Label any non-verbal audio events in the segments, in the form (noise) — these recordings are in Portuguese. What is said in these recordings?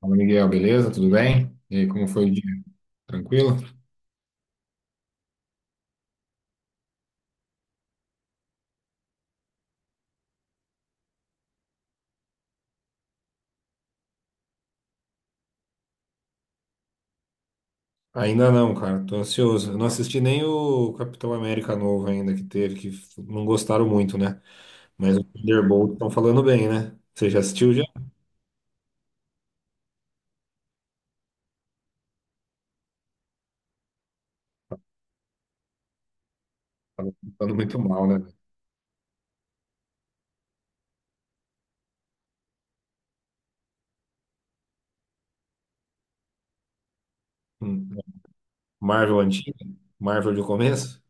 Fala, Miguel, beleza? Tudo bem? E aí, como foi o dia? Tranquilo? Ainda não, cara, tô ansioso. Eu não assisti nem o Capitão América novo ainda que teve, não gostaram muito, né? Mas o Thunderbolt estão falando bem, né? Você já assistiu já? Tava falando muito mal, né? Hum. Marvel antiga, Marvel de começo.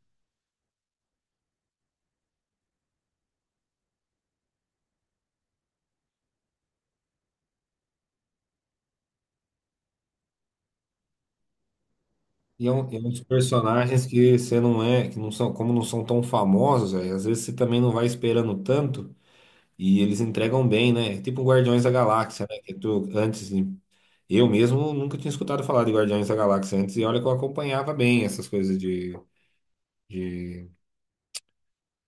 E é um dos personagens que você não é, que não são, como não são tão famosos, aí, às vezes você também não vai esperando tanto. E eles entregam bem, né? É tipo um Guardiões da Galáxia, né? Que tu, antes, de- eu mesmo nunca tinha escutado falar de Guardiões da Galáxia antes, e olha que eu acompanhava bem essas coisas de,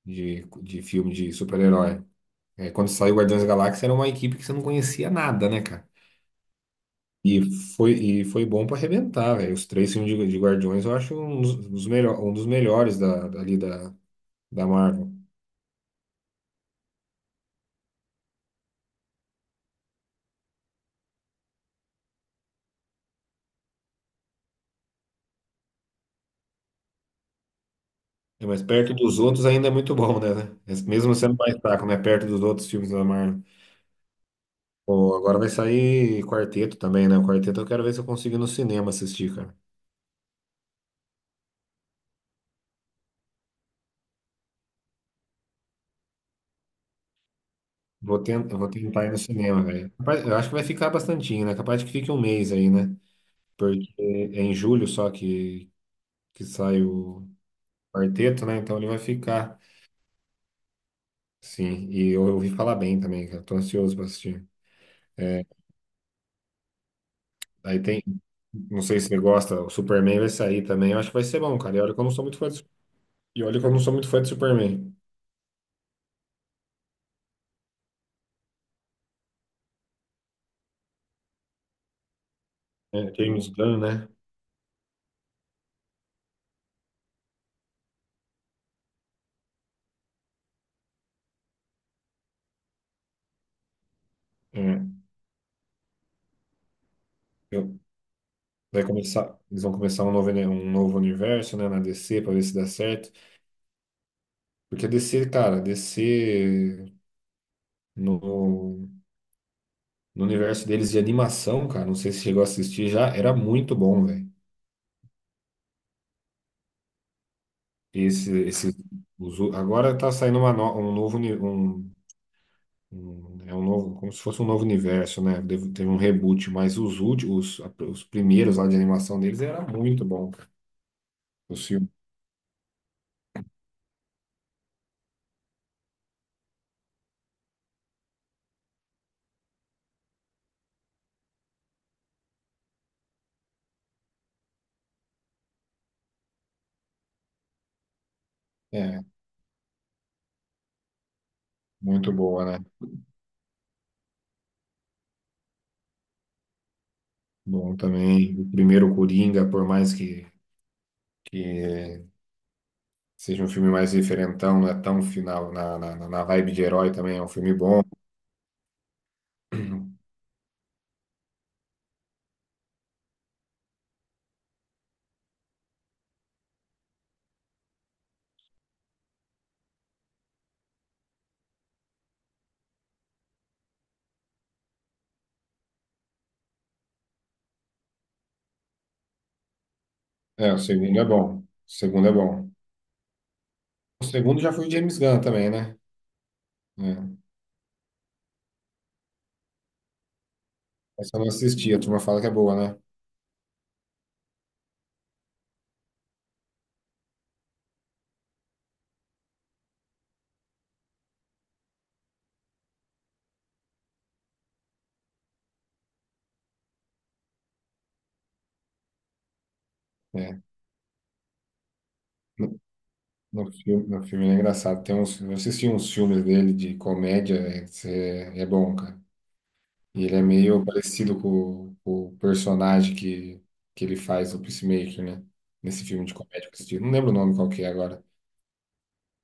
de filme de super-herói. É, quando saiu Guardiões da Galáxia, era uma equipe que você não conhecia nada, né, cara? E e foi bom pra arrebentar, velho. Os três filmes de Guardiões eu acho um um dos melhores dali da Marvel. É, mas perto dos outros ainda é muito bom, né? Mesmo sendo mais fraco, né? Perto dos outros filmes da Marvel. Pô, agora vai sair quarteto também, né? O quarteto eu quero ver se eu consigo ir no cinema assistir, cara. Vou tentar ir no cinema, velho. Eu acho que vai ficar bastantinho, né? Capaz de que fique um mês aí, né? Porque é em julho só que sai o quarteto, né? Então ele vai ficar, sim. E eu ouvi falar bem também, cara. Tô ansioso pra assistir. É, aí tem, não sei se você gosta, o Superman vai sair também. Eu acho que vai ser bom, cara. E olha que eu não sou muito fã de, e olha que eu não sou muito fã de Superman. É, James Gunn, né? É. Eu- Vai começar, eles vão começar um novo universo, né, na DC pra ver se dá certo. Porque a DC, cara, a DC no, no universo deles de animação, cara, não sei se chegou a assistir já, era muito bom, velho. Esse, esse, agora tá saindo uma no- um novo, uni- um- é um novo, como se fosse um novo universo, né? Teve um reboot, mas os últimos, os primeiros lá de animação deles era muito bom, cara. Os filmes. É, muito boa, né? Bom também. O primeiro Coringa, por mais que seja um filme mais diferentão, não é tão final na vibe de herói também, é um filme bom. (clears throat) É, o segundo é bom. O segundo é bom. O segundo já foi o James Gunn também, né? É. Essa eu não assisti, a turma fala que é boa, né? É. No, no filme é engraçado. Tem uns, eu assisti uns filmes dele de comédia, é, é bom, cara. E ele é meio parecido com o personagem que ele faz, o Peacemaker, né? Nesse filme de comédia que eu assisti. Não lembro o nome qual que é agora.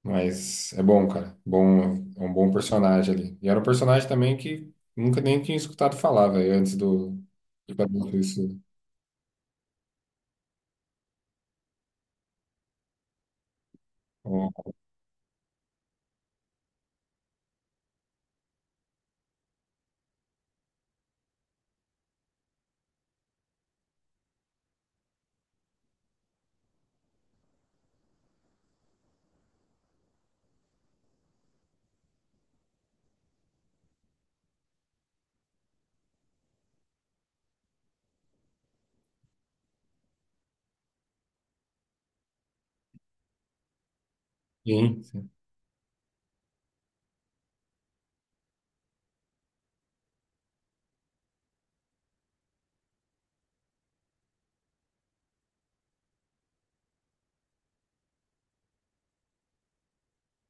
Mas é bom, cara. Bom, é um bom personagem ali. E era um personagem também que nunca nem tinha escutado falar, velho, antes do do Capitão isso. Ó, sim, sim.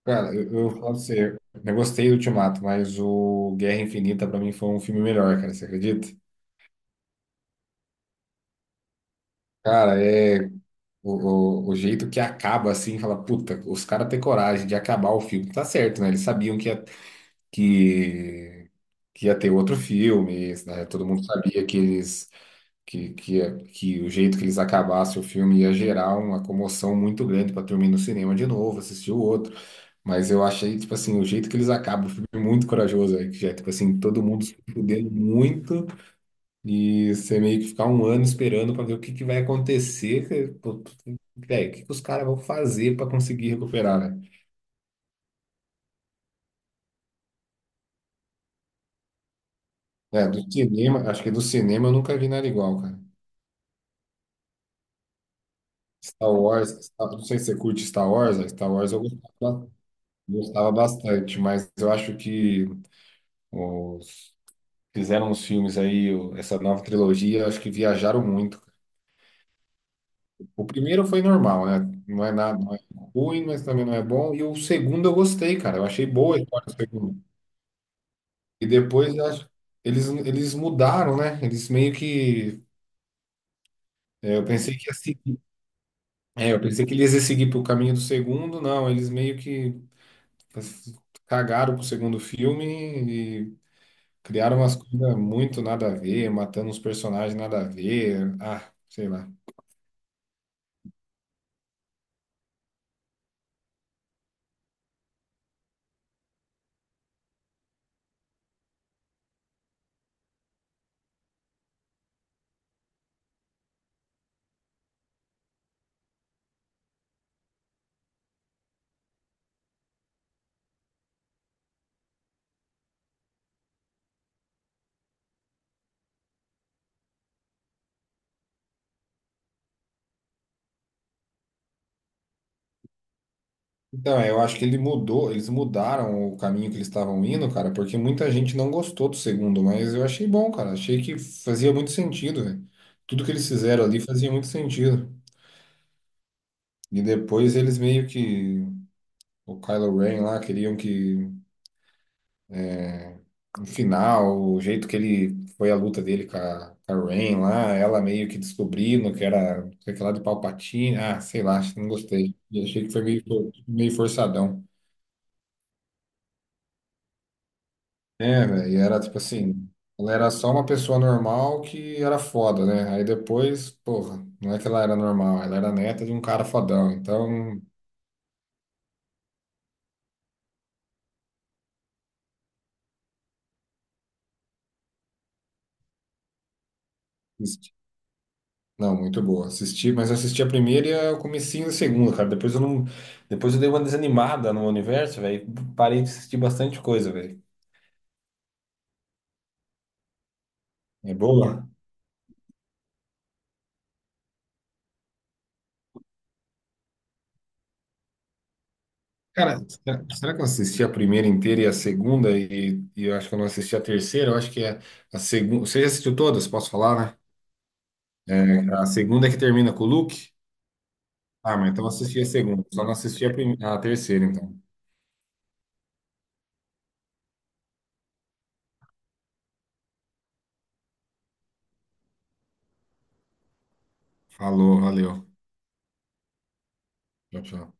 Cara, eu falo pra você, eu gostei do Ultimato, mas o Guerra Infinita pra mim foi um filme melhor, cara, você acredita? Cara, é o, o jeito que acaba assim, fala, puta, os caras têm coragem de acabar o filme. Tá certo, né? Eles sabiam que, que ia ter outro filme, né? Todo mundo sabia que eles que o jeito que eles acabassem o filme ia gerar uma comoção muito grande para turma ir no cinema de novo, assistir o outro. Mas eu achei, tipo assim, o jeito que eles acabam o filme é muito corajoso, aí, que já, tipo assim, todo mundo se fudendo muito e você meio que ficar um ano esperando para ver que vai acontecer, que, pô, velho, que os caras vão fazer para conseguir recuperar, né? É, do cinema, acho que do cinema eu nunca vi nada igual, cara. Não sei se você curte Star Wars, a Star Wars eu gostava. Gostava bastante, mas eu acho que os- fizeram os filmes aí, essa nova trilogia, eu acho que viajaram muito. O primeiro foi normal, né? Não é nada, não é ruim, mas também não é bom. E o segundo eu gostei, cara. Eu achei boa a história do segundo. E depois eu acho- eles mudaram, né? Eles meio que. É, eu pensei que ia seguir. É, eu pensei que eles iam seguir pro caminho do segundo, não. Eles meio que cagaram pro segundo filme. Criaram umas coisas muito nada a ver, matando uns personagens nada a ver. Ah, sei lá. Então, é, eu acho que ele mudou, eles mudaram o caminho que eles estavam indo, cara, porque muita gente não gostou do segundo, mas eu achei bom, cara. Achei que fazia muito sentido, velho. Tudo que eles fizeram ali fazia muito sentido. E depois eles meio que, o Kylo Ren lá, queriam que no final, o jeito que ele foi a luta dele com a Rain lá, ela meio que descobrindo que era sei lá de Palpatine, ah, sei lá, acho que não gostei. E achei que foi meio forçadão. É, velho, e era tipo assim, ela era só uma pessoa normal que era foda, né? Aí depois, porra, não é que ela era normal, ela era neta de um cara fodão, então. Não, muito boa. Assisti, mas assisti a primeira e o comecinho da segunda, cara. Depois eu dei uma desanimada no universo, velho. Parei de assistir bastante coisa, velho. É boa? Cara, será que eu assisti a primeira inteira e a segunda e eu acho que eu não assisti a terceira? Eu acho que é a segunda. Você já assistiu todas? Posso falar, né? A segunda é que termina com o Luke? Ah, mas então eu assisti a segunda. Só não assisti a, a terceira, então. Falou, valeu. Tchau, tchau.